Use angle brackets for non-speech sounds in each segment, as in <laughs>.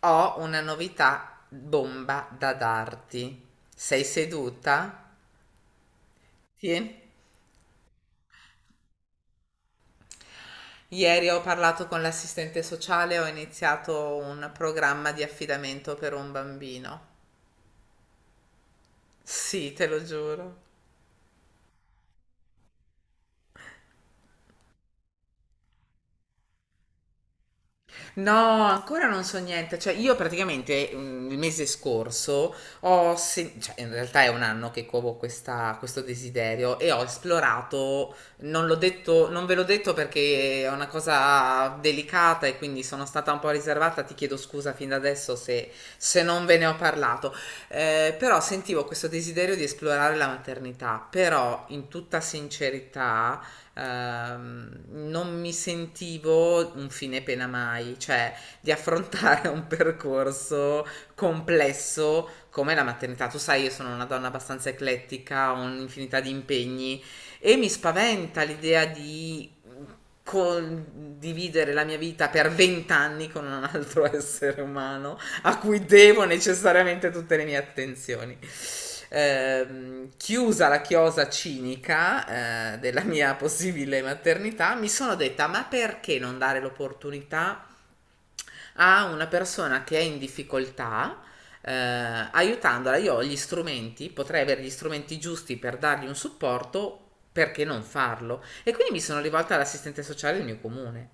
Ho una novità bomba da darti. Sei seduta? Sì. Ieri ho parlato con l'assistente sociale, ho iniziato un programma di affidamento per un bambino. Sì, te lo giuro. No, ancora non so niente. Cioè, io praticamente il mese scorso in realtà è un anno che covo questo desiderio e ho esplorato, non l'ho detto, non ve l'ho detto perché è una cosa delicata e quindi sono stata un po' riservata. Ti chiedo scusa fin da adesso se, se non ve ne ho parlato. Però sentivo questo desiderio di esplorare la maternità, però in tutta sincerità non mi sentivo un fine pena mai, cioè di affrontare <laughs> un percorso complesso come la maternità. Tu sai, io sono una donna abbastanza eclettica, ho un'infinità di impegni e mi spaventa l'idea di condividere la mia vita per 20 anni con un altro <laughs> essere umano a cui devo necessariamente tutte le mie attenzioni. Chiusa la chiosa cinica della mia possibile maternità, mi sono detta: ma perché non dare l'opportunità a una persona che è in difficoltà? Eh, aiutandola, io ho gli strumenti, potrei avere gli strumenti giusti per dargli un supporto, perché non farlo? E quindi mi sono rivolta all'assistente sociale del mio comune.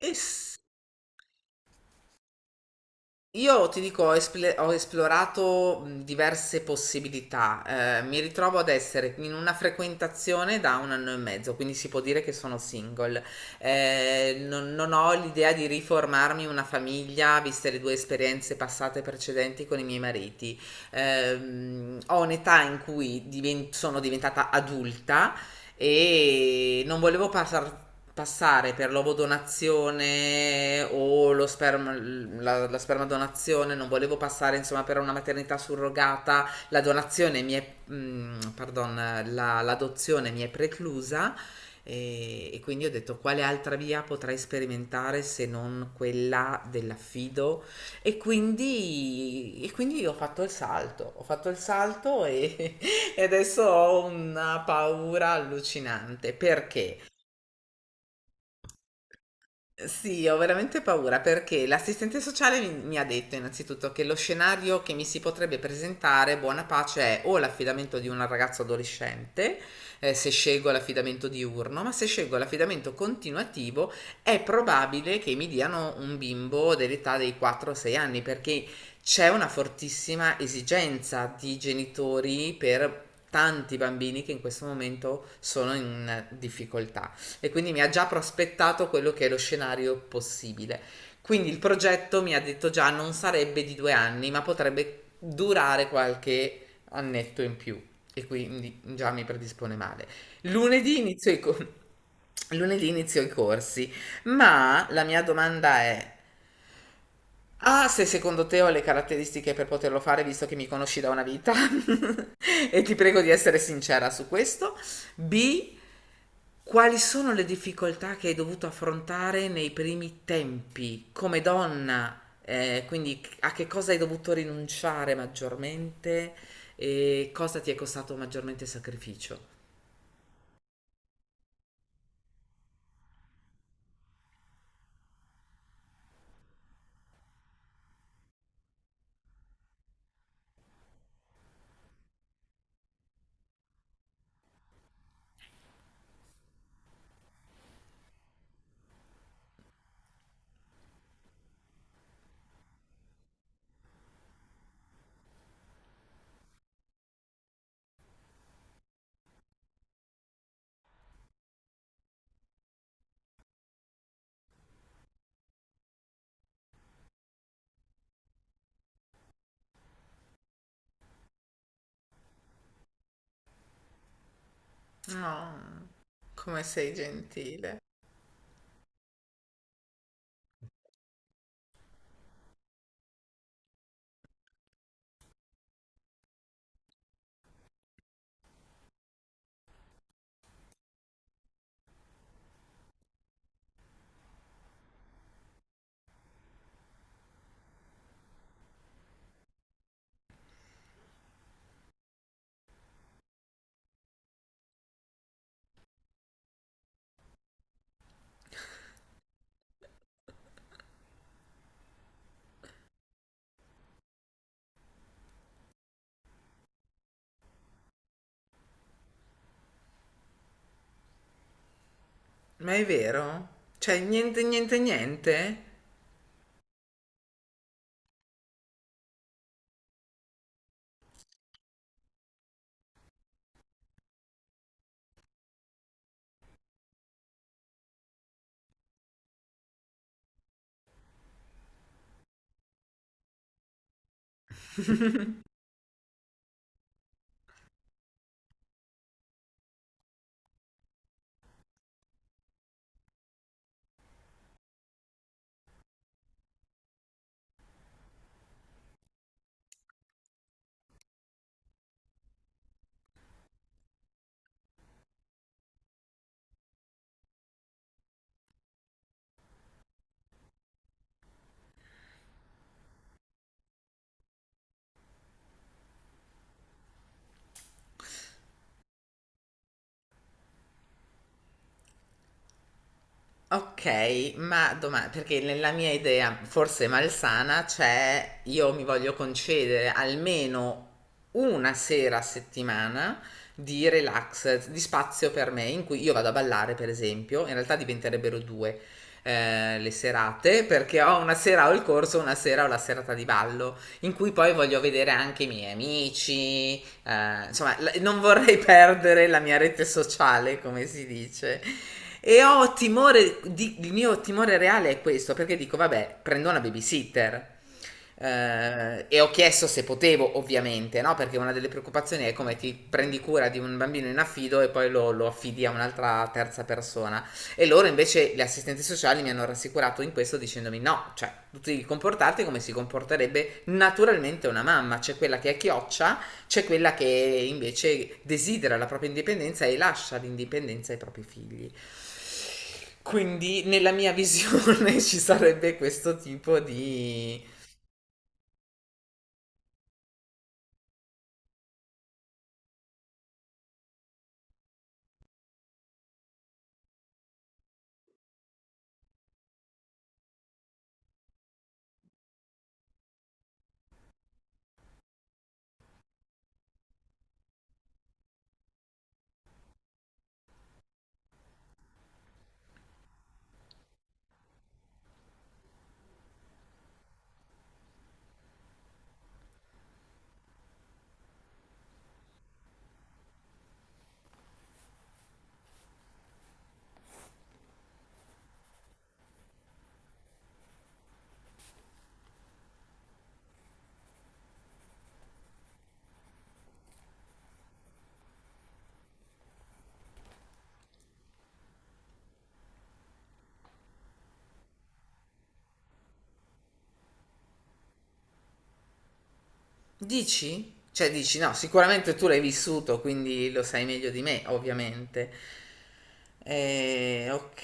E s- Io ti dico, ho esplorato diverse possibilità. Eh, mi ritrovo ad essere in una frequentazione da 1 anno e mezzo, quindi si può dire che sono single. Non ho l'idea di riformarmi una famiglia, viste le due esperienze passate precedenti con i miei mariti. Ho un'età in cui diven- sono diventata adulta e non volevo passar- passare per l'ovodonazione o lo sperma, la spermadonazione, non volevo passare insomma per una maternità surrogata, la donazione mi è, pardon, l'adozione mi è preclusa e quindi ho detto quale altra via potrei sperimentare se non quella dell'affido e quindi ho fatto il salto, ho fatto il salto e adesso ho una paura allucinante perché sì, ho veramente paura perché l'assistente sociale mi ha detto innanzitutto che lo scenario che mi si potrebbe presentare, buona pace, è o l'affidamento di un ragazzo adolescente, se scelgo l'affidamento diurno, ma se scelgo l'affidamento continuativo è probabile che mi diano un bimbo dell'età dei 4-6 anni perché c'è una fortissima esigenza di genitori per tanti bambini che in questo momento sono in difficoltà e quindi mi ha già prospettato quello che è lo scenario possibile. Quindi il progetto mi ha detto già non sarebbe di 2 anni, ma potrebbe durare qualche annetto in più e quindi già mi predispone male. Lunedì inizio i, co- lunedì inizio i corsi, ma la mia domanda è, ah, se secondo te ho le caratteristiche per poterlo fare, visto che mi conosci da una vita, <laughs> e ti prego di essere sincera su questo, B, quali sono le difficoltà che hai dovuto affrontare nei primi tempi come donna? Quindi a che cosa hai dovuto rinunciare maggiormente e cosa ti è costato maggiormente sacrificio? No, come sei gentile. Ma è vero? Cioè, niente, niente, niente? Okay, ma doma perché nella mia idea, forse malsana, c'è: io mi voglio concedere almeno una sera a settimana di relax, di spazio per me, in cui io vado a ballare per esempio, in realtà diventerebbero 2, le serate, perché ho una sera ho il corso, una sera ho la serata di ballo, in cui poi voglio vedere anche i miei amici, insomma, non vorrei <laughs> perdere la mia rete sociale, come si dice. E ho timore, il mio timore reale è questo, perché dico, vabbè, prendo una babysitter. E ho chiesto se potevo, ovviamente, no? Perché una delle preoccupazioni è come ti prendi cura di un bambino in affido e poi lo affidi a un'altra terza persona. E loro invece, gli assistenti sociali, mi hanno rassicurato in questo dicendomi no, cioè tu devi comportarti come si comporterebbe naturalmente una mamma, cioè quella che è chioccia c'è quella che invece desidera la propria indipendenza e lascia l'indipendenza ai propri figli. Quindi nella mia <laughs> visione ci sarebbe questo tipo di... Dici? Cioè dici no, sicuramente tu l'hai vissuto, quindi lo sai meglio di me, ovviamente. Ok,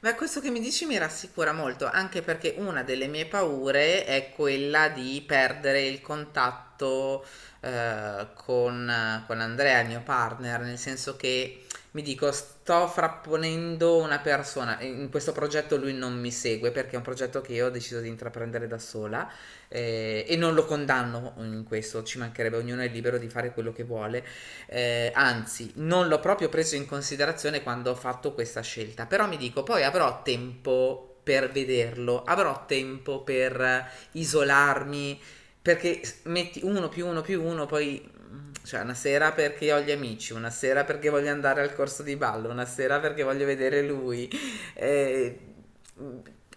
ma questo che mi dici mi rassicura molto, anche perché una delle mie paure è quella di perdere il contatto con Andrea, il mio partner, nel senso che mi dico sto frapponendo una persona, in questo progetto lui non mi segue perché è un progetto che io ho deciso di intraprendere da sola e non lo condanno in questo, ci mancherebbe, ognuno è libero di fare quello che vuole, anzi, non l'ho proprio preso in considerazione quando ho fatto questa scelta, però mi dico, poi avrò tempo per vederlo, avrò tempo per isolarmi, perché metti uno più uno più uno, poi cioè una sera perché ho gli amici, una sera perché voglio andare al corso di ballo, una sera perché voglio vedere lui, eh,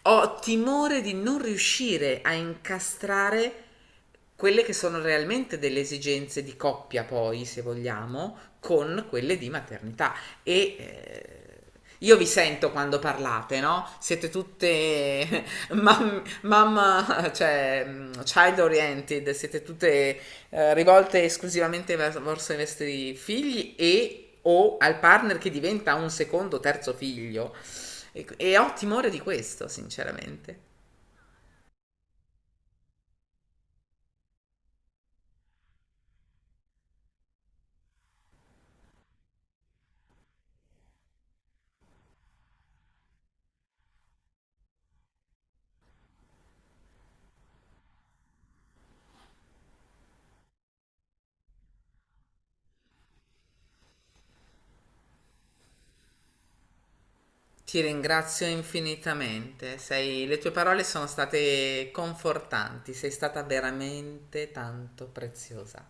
ho timore di non riuscire a incastrare quelle che sono realmente delle esigenze di coppia, poi, se vogliamo, con quelle di maternità. E io vi sento quando parlate, no? Siete tutte <laughs> mam- mamma, <laughs> cioè child oriented, siete tutte rivolte esclusivamente verso i vostri figli e o al partner che diventa un secondo, terzo figlio. E ho timore di questo, sinceramente. Ti ringrazio infinitamente, le tue parole sono state confortanti, sei stata veramente tanto preziosa.